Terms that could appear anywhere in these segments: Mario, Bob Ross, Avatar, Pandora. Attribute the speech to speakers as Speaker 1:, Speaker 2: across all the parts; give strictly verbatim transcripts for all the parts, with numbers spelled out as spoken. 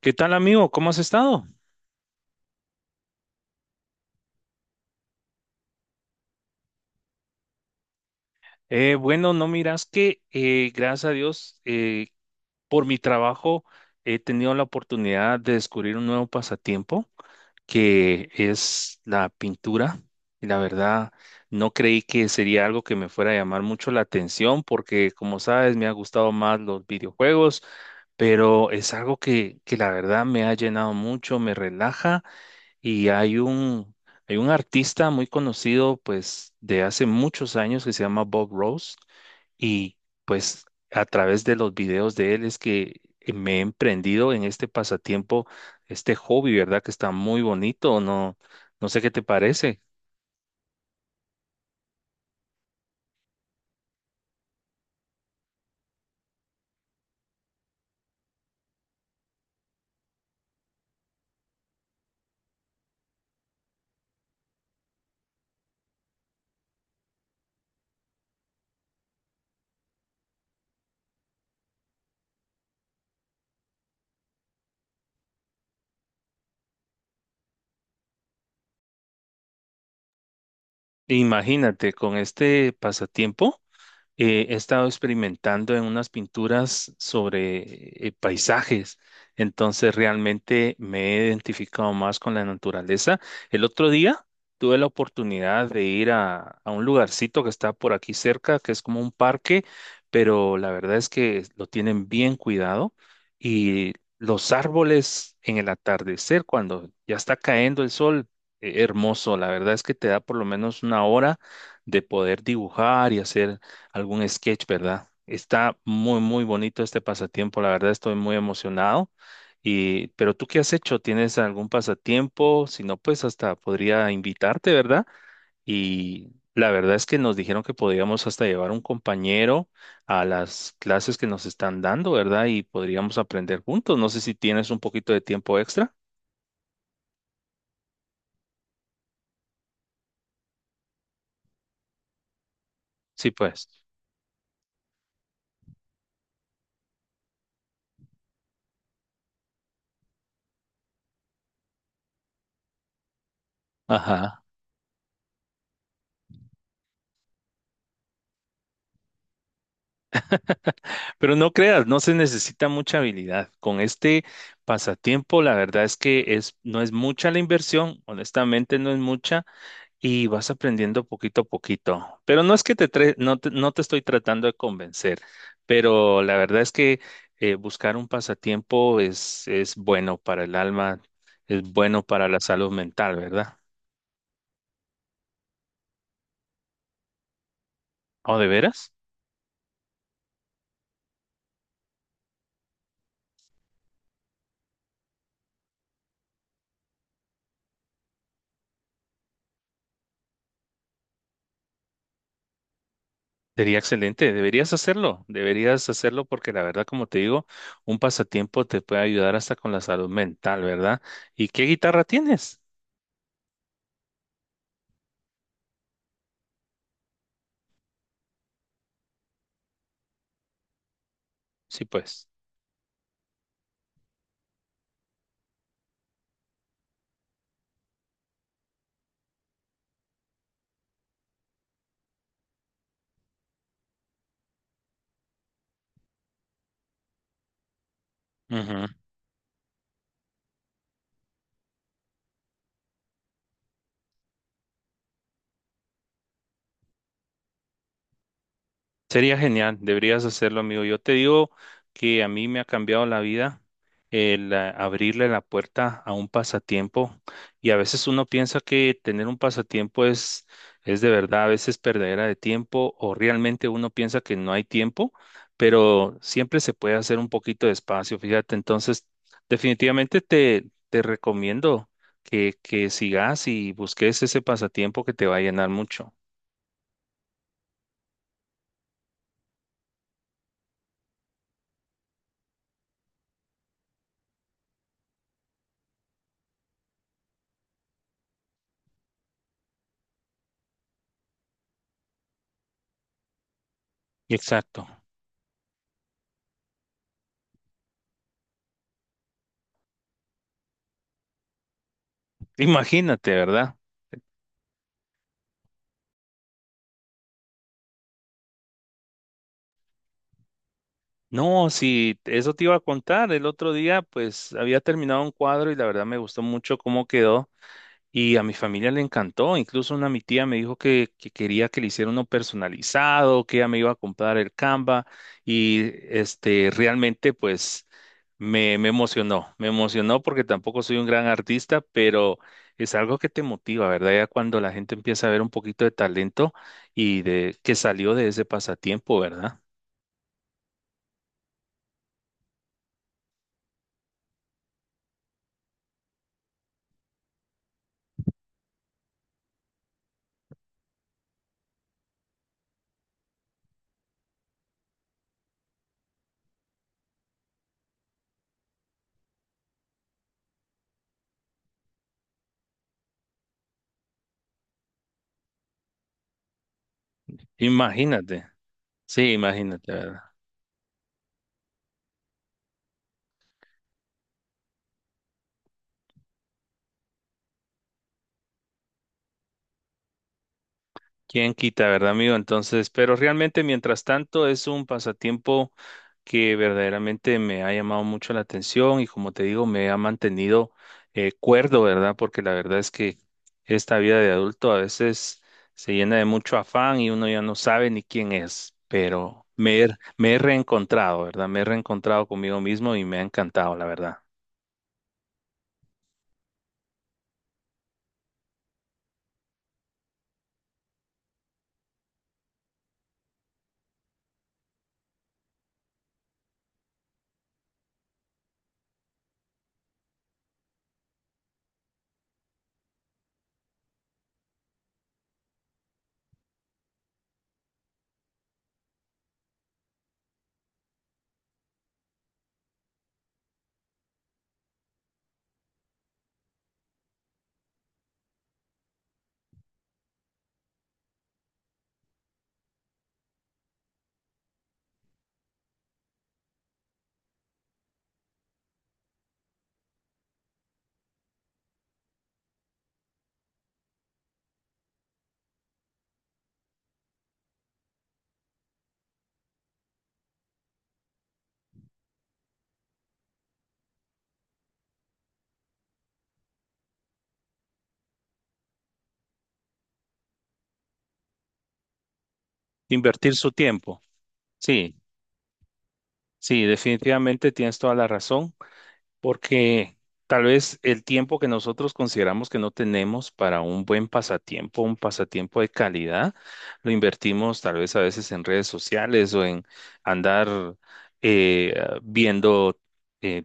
Speaker 1: ¿Qué tal, amigo? ¿Cómo has estado? Eh, bueno, no miras que, eh, gracias a Dios, eh, por mi trabajo he tenido la oportunidad de descubrir un nuevo pasatiempo que es la pintura. Y la verdad, no creí que sería algo que me fuera a llamar mucho la atención porque, como sabes, me ha gustado más los videojuegos, pero es algo que, que la verdad me ha llenado mucho, me relaja. Y hay un, hay un artista muy conocido, pues, de hace muchos años que se llama Bob Ross. Y pues a través de los videos de él es que me he emprendido en este pasatiempo, este hobby, ¿verdad? Que está muy bonito. No, no sé qué te parece. Imagínate, con este pasatiempo. Eh, he estado experimentando en unas pinturas sobre eh, paisajes, entonces realmente me he identificado más con la naturaleza. El otro día tuve la oportunidad de ir a, a un lugarcito que está por aquí cerca, que es como un parque, pero la verdad es que lo tienen bien cuidado, y los árboles en el atardecer, cuando ya está cayendo el sol, eh, hermoso. La verdad es que te da por lo menos una hora de poder dibujar y hacer algún sketch, ¿verdad? Está muy, muy bonito este pasatiempo. La verdad estoy muy emocionado. Y, ¿pero tú qué has hecho? ¿Tienes algún pasatiempo? Si no, pues hasta podría invitarte, ¿verdad? Y la verdad es que nos dijeron que podríamos hasta llevar un compañero a las clases que nos están dando, ¿verdad? Y podríamos aprender juntos. No sé si tienes un poquito de tiempo extra. Sí, pues. Ajá. Pero no creas, no se necesita mucha habilidad. Con este pasatiempo, la verdad es que es, no es mucha la inversión, honestamente no es mucha, y vas aprendiendo poquito a poquito. Pero no es que te, tre- no te, no te estoy tratando de convencer, pero la verdad es que eh, buscar un pasatiempo es, es bueno para el alma, es bueno para la salud mental, ¿verdad? ¿O de veras? Sería excelente, deberías hacerlo, deberías hacerlo porque la verdad, como te digo, un pasatiempo te puede ayudar hasta con la salud mental, ¿verdad? ¿Y qué guitarra tienes? Sí, pues. Ujú. Sería genial, deberías hacerlo, amigo. Yo te digo que a mí me ha cambiado la vida el eh, abrirle la puerta a un pasatiempo. Y a veces uno piensa que tener un pasatiempo es es de verdad a veces perdedera de tiempo, o realmente uno piensa que no hay tiempo, pero siempre se puede hacer un poquito de espacio, fíjate. Entonces, definitivamente te te recomiendo que que sigas y busques ese pasatiempo que te va a llenar mucho. Exacto. Imagínate, ¿verdad? No, sí, eso te iba a contar. El otro día, pues, había terminado un cuadro y la verdad me gustó mucho cómo quedó y a mi familia le encantó. Incluso una mi tía me dijo que, que quería que le hiciera uno personalizado, que ella me iba a comprar el Canva y, este, realmente, pues, me, me emocionó. Me emocionó porque tampoco soy un gran artista, pero es algo que te motiva, ¿verdad? Ya cuando la gente empieza a ver un poquito de talento y de que salió de ese pasatiempo, ¿verdad? Imagínate. Sí, imagínate, ¿verdad? ¿Quién quita, verdad, amigo? Entonces, pero realmente, mientras tanto, es un pasatiempo que verdaderamente me ha llamado mucho la atención y como te digo, me ha mantenido eh, cuerdo, ¿verdad? Porque la verdad es que esta vida de adulto a veces se llena de mucho afán y uno ya no sabe ni quién es, pero me he, me he reencontrado, ¿verdad? Me he reencontrado conmigo mismo y me ha encantado, la verdad. Invertir su tiempo. Sí, sí, definitivamente tienes toda la razón. Porque tal vez el tiempo que nosotros consideramos que no tenemos para un buen pasatiempo, un pasatiempo de calidad, lo invertimos tal vez a veces en redes sociales o en andar eh, viendo eh,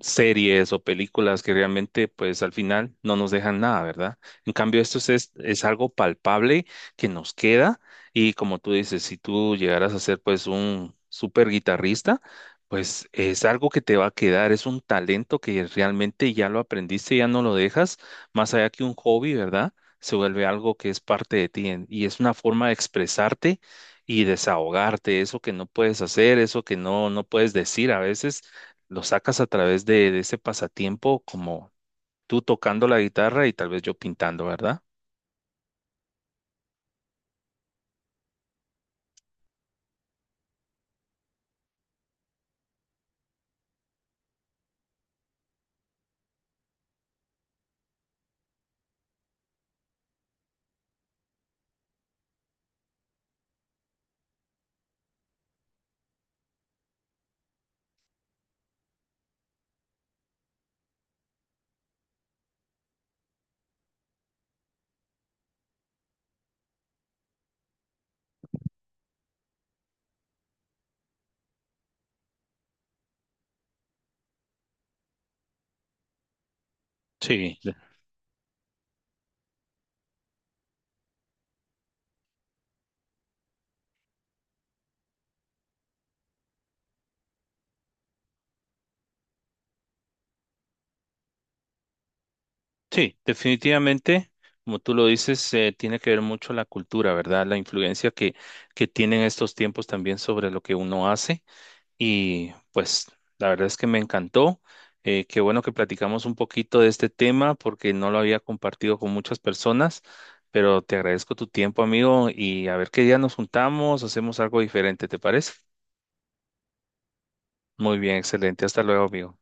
Speaker 1: series o películas que realmente pues al final no nos dejan nada, ¿verdad? En cambio, esto es, es algo palpable que nos queda y como tú dices, si tú llegaras a ser pues un super guitarrista, pues es algo que te va a quedar, es un talento que realmente ya lo aprendiste, ya no lo dejas, más allá que un hobby, ¿verdad? Se vuelve algo que es parte de ti en- y es una forma de expresarte y desahogarte, eso que no puedes hacer, eso que no, no puedes decir a veces lo sacas a través de, de ese pasatiempo como tú tocando la guitarra y tal vez yo pintando, ¿verdad? Sí, de- sí, definitivamente, como tú lo dices, eh, tiene que ver mucho la cultura, ¿verdad? La influencia que, que tienen estos tiempos también sobre lo que uno hace. Y pues la verdad es que me encantó. Eh, qué bueno que platicamos un poquito de este tema porque no lo había compartido con muchas personas, pero te agradezco tu tiempo, amigo, y a ver qué día nos juntamos, hacemos algo diferente, ¿te parece? Muy bien, excelente. Hasta luego, amigo.